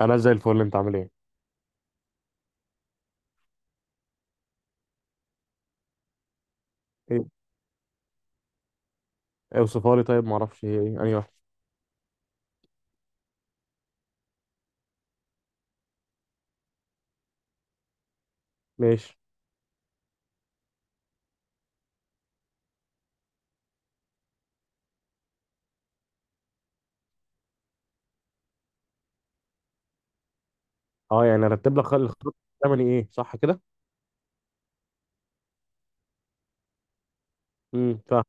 انا زي الفل. انت عامل ايه؟ ايه؟ اوصفها لي، طيب ما اعرفش هي ايه، انهي واحده. ماشي. اه يعني ارتب لك الخط الثمني، ايه؟ صح كده. فاهم.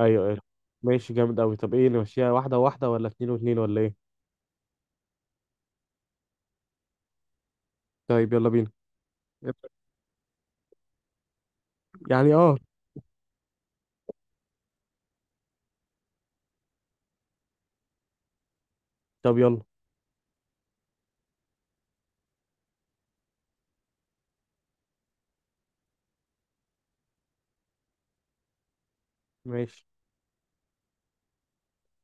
ايوه، ايوه. ماشي، جامد قوي. طب ايه، نمشيها واحده واحده ولا اتنين واتنين ولا ايه؟ طيب يلا بينا. يعني اه. طب يلا. ماشي،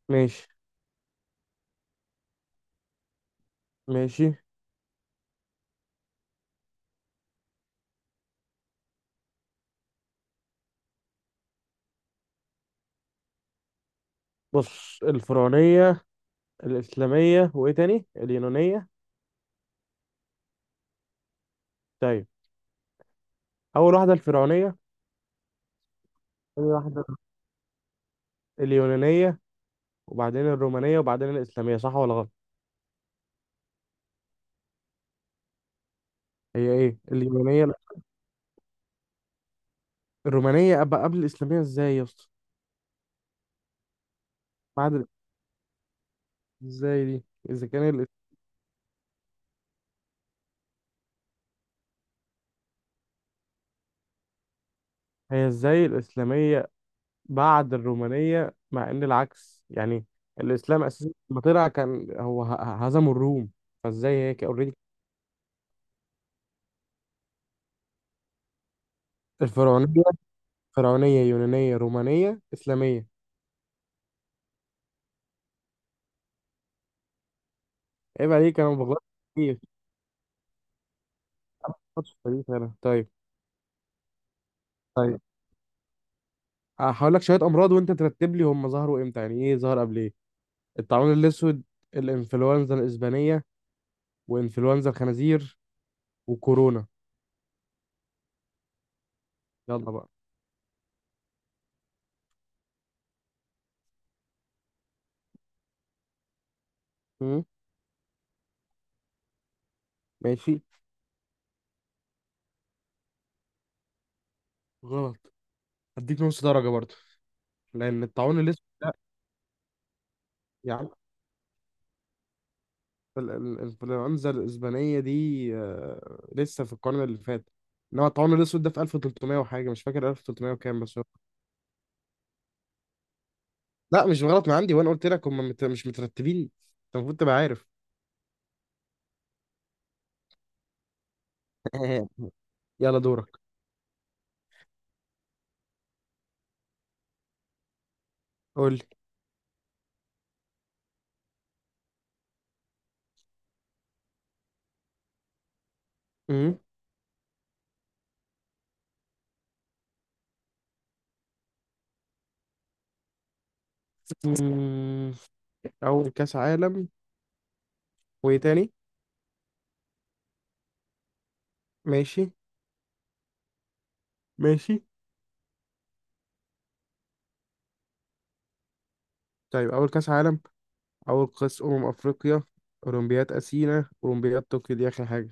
ماشي، ماشي. بص، الفرعونيه، الاسلاميه، وايه تاني؟ اليونانيه. طيب، اول واحده الفرعونيه. ثاني واحده اليونانيه. وبعدين الرومانيه وبعدين الاسلاميه، صح ولا غلط؟ هي ايه اليونانيه؟ الرومانية أبقى قبل الإسلامية إزاي يا اسطى؟ بعد ال- إزاي دي؟ هي إزاي الإسلامية بعد الرومانية، مع إن العكس يعني. الإسلام أساسا لما طلع كان هو هزموا الروم. فإزاي هي كده أوريدي؟ الفرعونية، فرعونية، يونانية، رومانية، إسلامية. عيب عليك، أنا ما بغلطش كتير. ما بغلطش في التاريخ أنا. طيب. طيب هقول لك شوية أمراض وأنت ترتب لي هم ظهروا إمتى، يعني إيه ظهر قبل إيه؟ الطاعون الأسود، الإنفلونزا الإسبانية، وإنفلونزا الخنازير، وكورونا. يلا بقى. مم. ماشي. غلط. هديك نص درجة برضو. لأن الطاعون الأسود، يا عم، الإنفلونزا الإسبانية دي لسه في القرن اللي فات. إنما الطاعون الأسود ده في 1300 وحاجة، مش فاكر 1300 وكام بس هو. لا، مش غلط من عندي، وأنا قلت لك هم مش مترتبين. أنت المفروض تبقى عارف. يلا دورك. قول لي. مم. مم. أول كأس عالم، وإيه تاني؟ ماشي. ماشي. طيب أول كأس عالم، أول قياس أمم أفريقيا، أولمبياد أثينا، أولمبياد طوكيو دي آخر حاجة.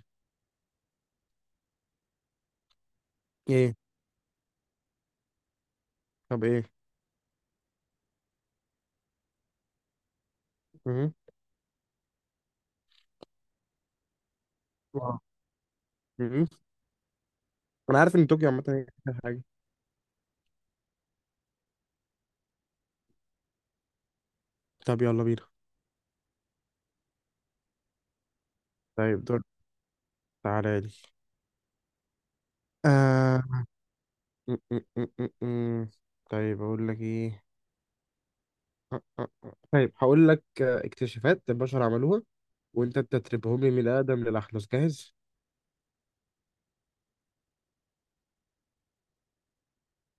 إيه؟ طب إيه؟ مهم. واو. مهم. أنا عارف إن طوكيو عامة هي آخر حاجة. طب يلا بينا. طيب دور، تعالى لي. آه. م- م- م- م- م. طيب أقول لك إيه. أ- أ- أ. طيب هقول لك اكتشافات البشر عملوها، وأنت تتربهم لي من الأقدم للأحدث، جاهز؟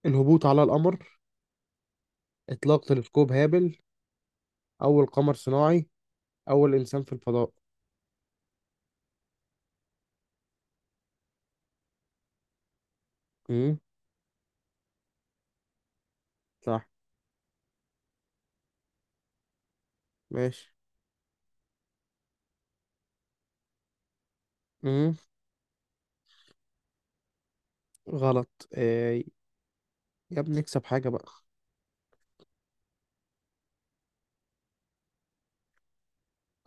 الهبوط على القمر، إطلاق تلسكوب هابل، أول قمر صناعي، أول إنسان في الفضاء. مم. صح. ماشي. غلط يا ابني، اكسب حاجة بقى.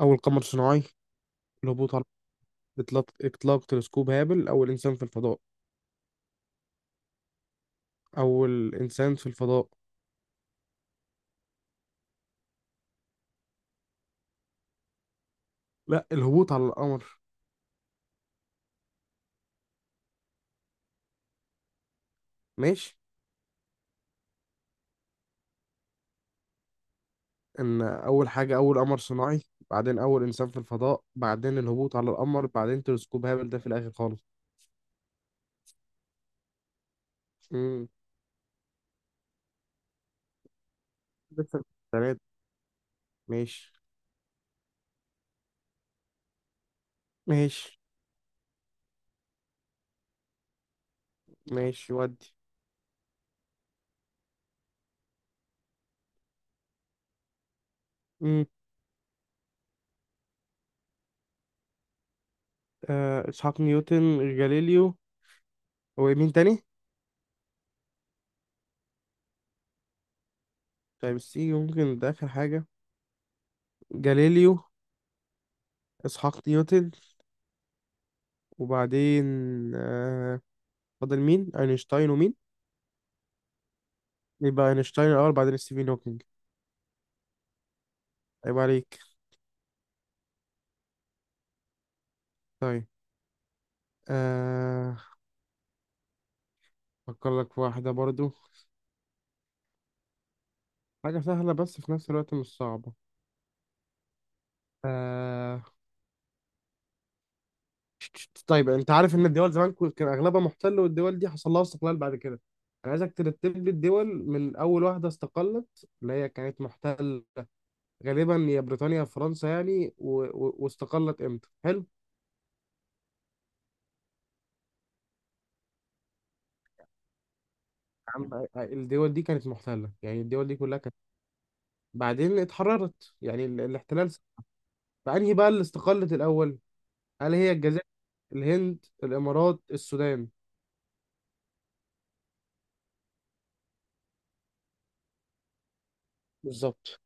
أول قمر صناعي، الهبوط على، إطلاق تلسكوب هابل، أول إنسان في الفضاء. أول إنسان في الفضاء. لا، الهبوط على القمر. ماشي. إن أول حاجة أول قمر صناعي، بعدين أول إنسان في الفضاء، بعدين الهبوط على القمر، بعدين تلسكوب هابل ده في الآخر خالص. امم لسه تلاتة. ماشي، ماشي، ماشي ودي. امم إسحاق نيوتن، جاليليو، هو مين تاني؟ طيب السي يمكن ده آخر حاجة. جاليليو، اسحاق نيوتن، وبعدين آه فاضل مين، اينشتاين ومين؟ يبقى اينشتاين الاول، بعدين ستيفن هوكينج. عيب عليك. طيب. آه افكر لك في واحده برضو، حاجه سهله بس في نفس الوقت مش صعبه. آه طيب. انت عارف ان الدول زمان كان اغلبها محتل، والدول دي حصل لها استقلال بعد كده. انا عايزك ترتب لي الدول من اول واحده استقلت، اللي هي كانت محتله غالبا، يا بريطانيا يا فرنسا يعني، واستقلت امتى، حلو؟ عم الدول دي كانت محتلة، يعني الدول دي كلها كانت بعدين اتحررت، يعني الاحتلال فأنهي بقى اللي استقلت الأول، هل هي الجزائر، الهند، الإمارات، السودان؟ بالظبط.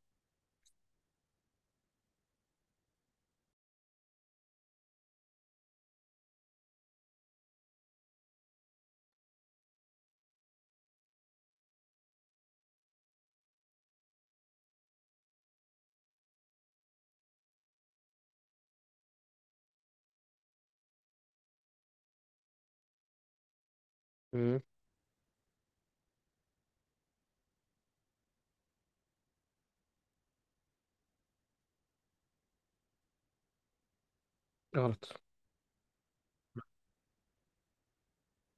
مم. غلط.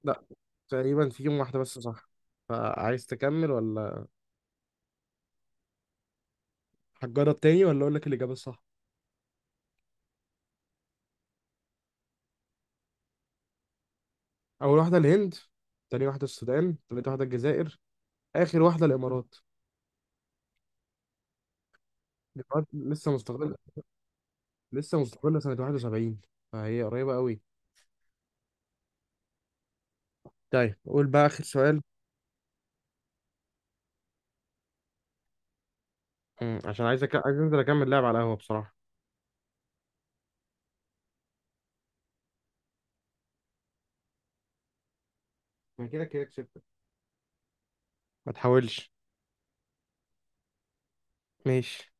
لا، تقريبا فيهم واحدة بس صح. فعايز تكمل ولا هتجرب تاني، ولا أقول لك الإجابة الصح؟ أول واحدة الهند، تاني واحدة السودان، تالت واحدة الجزائر، آخر واحدة الإمارات. الإمارات لسه مستقلة، لسه مستقلة سنة 71، فهي قريبة قوي. طيب قول بقى آخر سؤال. مم. عشان عايز عايز انزل اكمل لعب على القهوه بصراحه. ما كده كده كسبت، ما تحاولش. ماشي،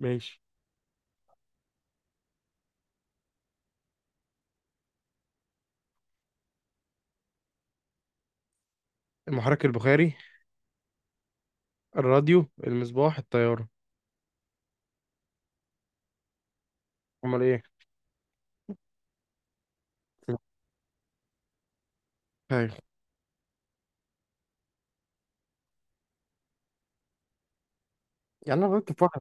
ماشي. المحرك البخاري، الراديو، المصباح، الطياره. امال ايه؟ طيب. يعني انا غلطت في واحد.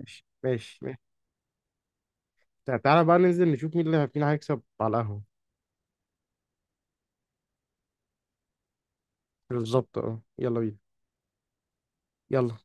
ماشي، ماشي، ماشي. تعالى بقى ننزل نشوف مين اللي مين هيكسب على القهوه. بالظبط اه، يلا بينا. يلا.